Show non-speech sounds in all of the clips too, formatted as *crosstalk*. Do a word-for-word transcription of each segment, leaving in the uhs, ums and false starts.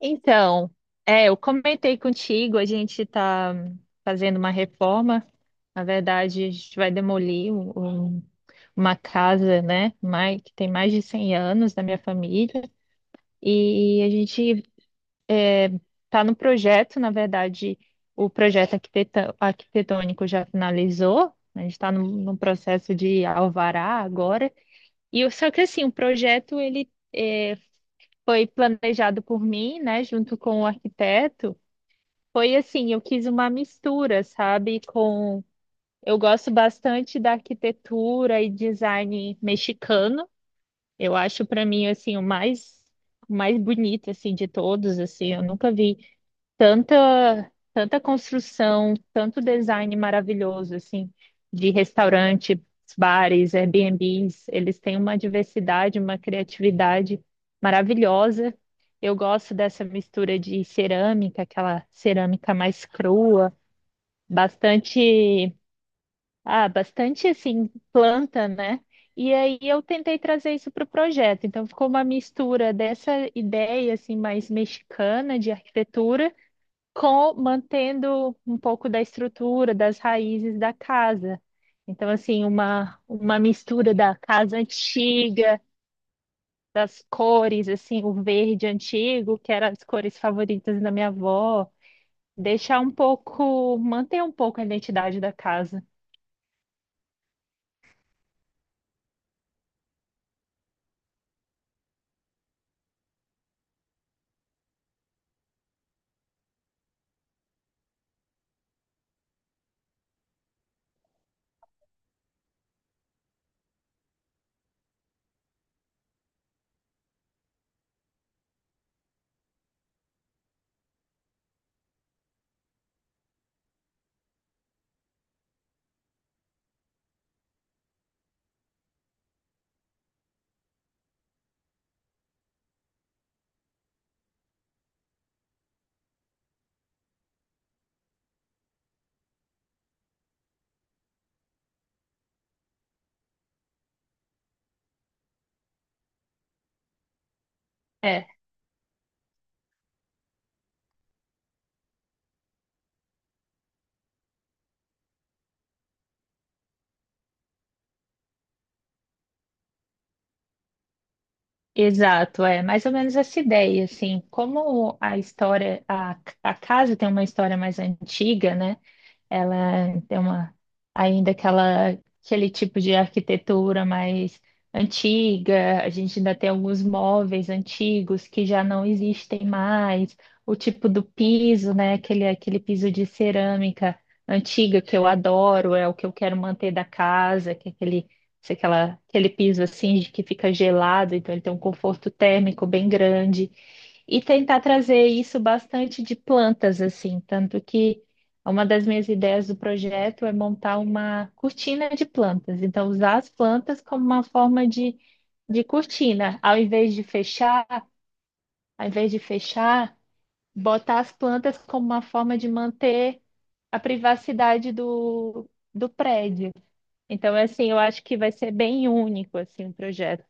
Então, é, eu comentei contigo, a gente está fazendo uma reforma. Na verdade, a gente vai demolir um- um- uma casa, né, mai- que tem mais de cem anos da minha família. E a gente está no projeto, na verdade, o projeto arquiteta- arquitetônico já finalizou. A gente está no, no processo de alvará agora. E o- só que assim, o projeto ele eh, foi planejado por mim, né, junto com o arquiteto. Foi assim, eu quis uma mistura, sabe? Com Eu gosto bastante da arquitetura e design mexicano. Eu acho para mim assim o mais o mais bonito assim de todos, assim, eu nunca vi tanta tanta construção, tanto design maravilhoso assim de restaurantes, bares, Airbnbs, eles têm uma diversidade, uma criatividade maravilhosa. Eu gosto dessa mistura de cerâmica, aquela cerâmica mais crua, bastante, ah, bastante assim planta, né? E aí eu tentei trazer isso para o projeto. Então ficou uma mistura dessa ideia assim mais mexicana de arquitetura com mantendo um pouco da estrutura, das raízes da casa. Então, assim, uma, uma mistura da casa antiga, das cores, assim, o verde antigo, que eram as cores favoritas da minha avó, deixar um pouco, manter um pouco a identidade da casa. É, exato, é mais ou menos essa ideia, assim, como a história, a, a casa tem uma história mais antiga, né? Ela tem uma ainda aquela aquele tipo de arquitetura mais antiga. A gente ainda tem alguns móveis antigos que já não existem mais. O tipo do piso, né? Aquele aquele piso de cerâmica antiga que eu adoro, é o que eu quero manter da casa, que é aquele se aquela, aquele piso assim de que fica gelado, então ele tem um conforto térmico bem grande. E tentar trazer isso bastante de plantas, assim, tanto que uma das minhas ideias do projeto é montar uma cortina de plantas. Então, usar as plantas como uma forma de, de cortina. Ao invés de fechar, ao invés de fechar, botar as plantas como uma forma de manter a privacidade do, do prédio. Então, é assim, eu acho que vai ser bem único, assim, o projeto.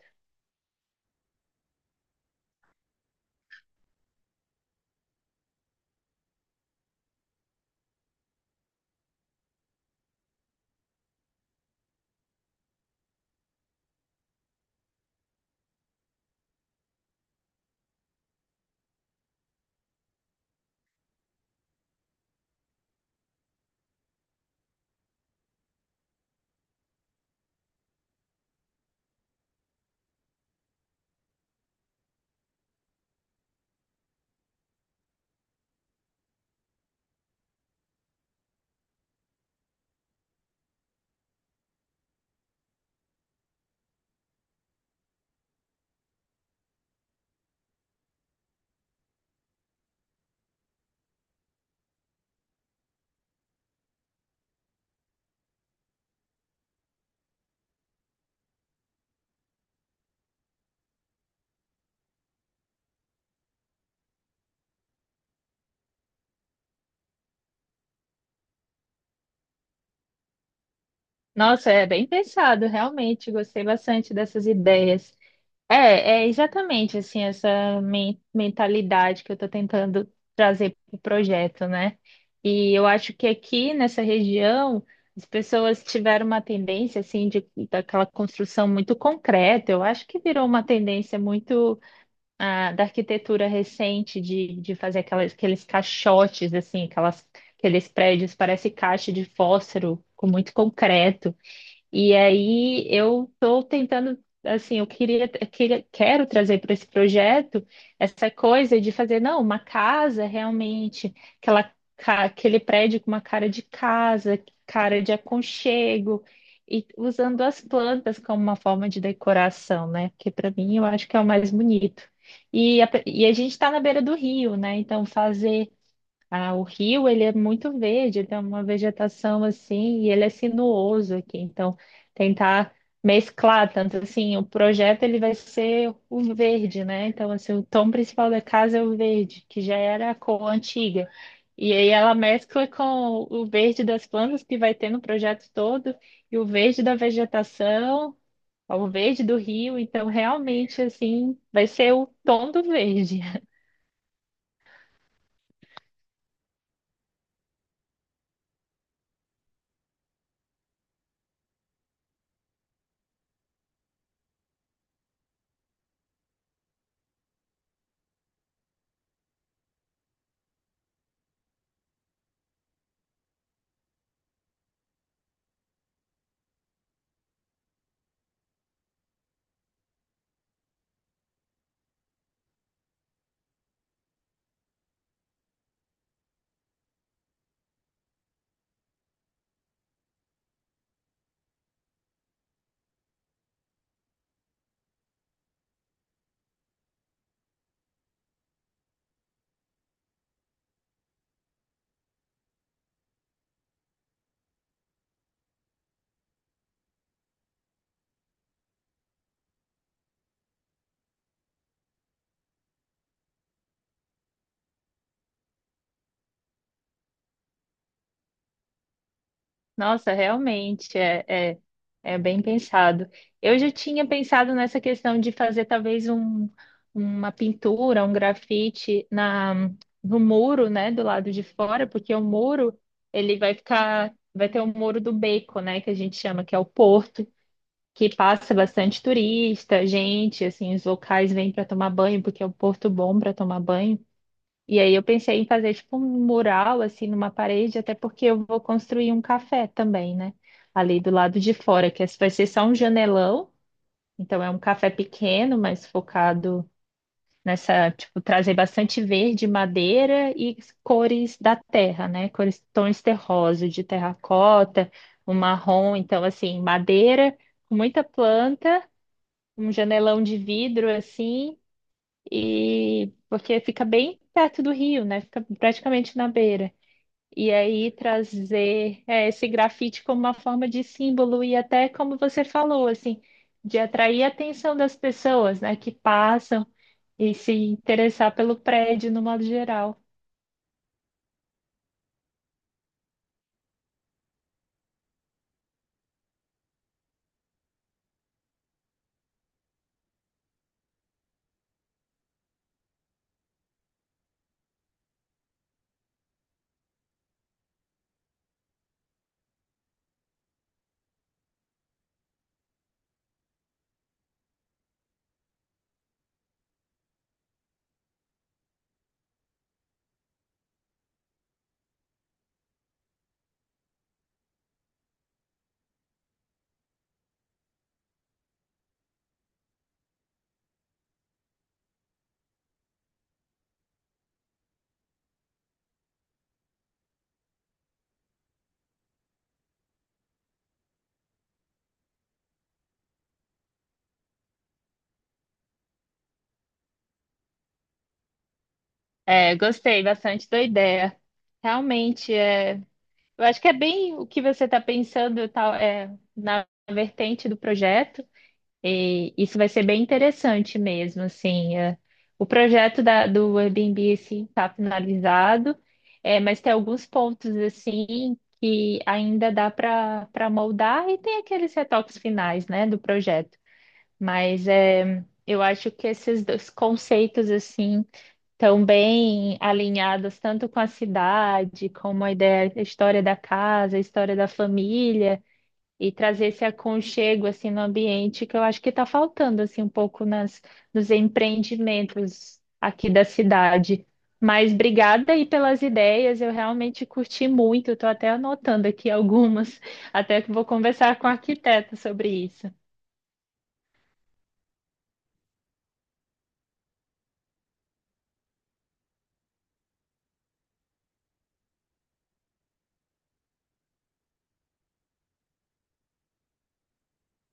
Nossa, é bem pensado, realmente. Gostei bastante dessas ideias. É, é exatamente assim essa men- mentalidade que eu estou tentando trazer para o projeto, né? E eu acho que aqui nessa região as pessoas tiveram uma tendência assim de daquela construção muito concreta. Eu acho que virou uma tendência muito ah, da arquitetura recente de, de fazer aquelas, aqueles caixotes assim, aquelas, aqueles prédios parece caixa de fósforo com muito concreto. E aí eu estou tentando, assim, eu queria, queria quero trazer para esse projeto essa coisa de fazer, não, uma casa realmente, aquela, ca- aquele prédio com uma cara de casa, cara de aconchego, e usando as plantas como uma forma de decoração, né? Porque para mim eu acho que é o mais bonito. E a, pe- e a gente está na beira do rio, né? Então fazer ah, o rio, ele é muito verde, tem uma vegetação assim, e ele é sinuoso aqui. Então, tentar mesclar tanto assim, o projeto ele vai ser o verde, né? Então, assim, o tom principal da casa é o verde, que já era a cor antiga. E aí ela mescla com o verde das plantas que vai ter no projeto todo, e o verde da vegetação, o verde do rio. Então, realmente, assim, vai ser o tom do verde. Nossa, realmente é, é, é bem pensado. Eu já tinha pensado nessa questão de fazer talvez um, uma pintura, um grafite na, no muro, né, do lado de fora, porque o muro ele vai ficar, vai ter o muro do beco, né, que a gente chama, que é o porto, que passa bastante turista, gente, assim, os locais vêm para tomar banho, porque é um porto bom para tomar banho. E aí eu pensei em fazer tipo um mural assim numa parede, até porque eu vou construir um café também, né? Ali do lado de fora, que esse vai ser só um janelão, então é um café pequeno, mas focado nessa, tipo, trazer bastante verde, madeira e cores da terra, né? Cores tons terrosos, de terracota, um marrom, então assim, madeira, com muita planta, um janelão de vidro assim. E porque fica bem perto do rio, né? Fica praticamente na beira. E aí trazer é, esse grafite como uma forma de símbolo e até como você falou, assim, de atrair a atenção das pessoas, né, que passam e se interessar pelo prédio no modo geral. É, gostei bastante da ideia. Realmente, é, eu acho que é bem o que você está pensando, tal, é, na vertente do projeto. E isso vai ser bem interessante mesmo, assim. É. O projeto da- do Airbnb, assim, está finalizado, é, mas tem alguns pontos, assim, que ainda dá para para moldar e tem aqueles retoques finais, né, do projeto. Mas é, eu acho que esses dois conceitos, assim, estão bem alinhados tanto com a cidade, como a ideia, a história da casa, a história da família e trazer esse aconchego assim no ambiente que eu acho que está faltando assim um pouco nas nos empreendimentos aqui da cidade. Mas obrigada aí pelas ideias, eu realmente curti muito, estou até anotando aqui *laughs* algumas, até que vou conversar com o arquiteto sobre isso.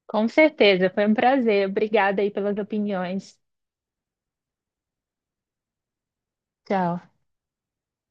Com certeza, foi um prazer. Obrigada aí pelas opiniões. Tchau.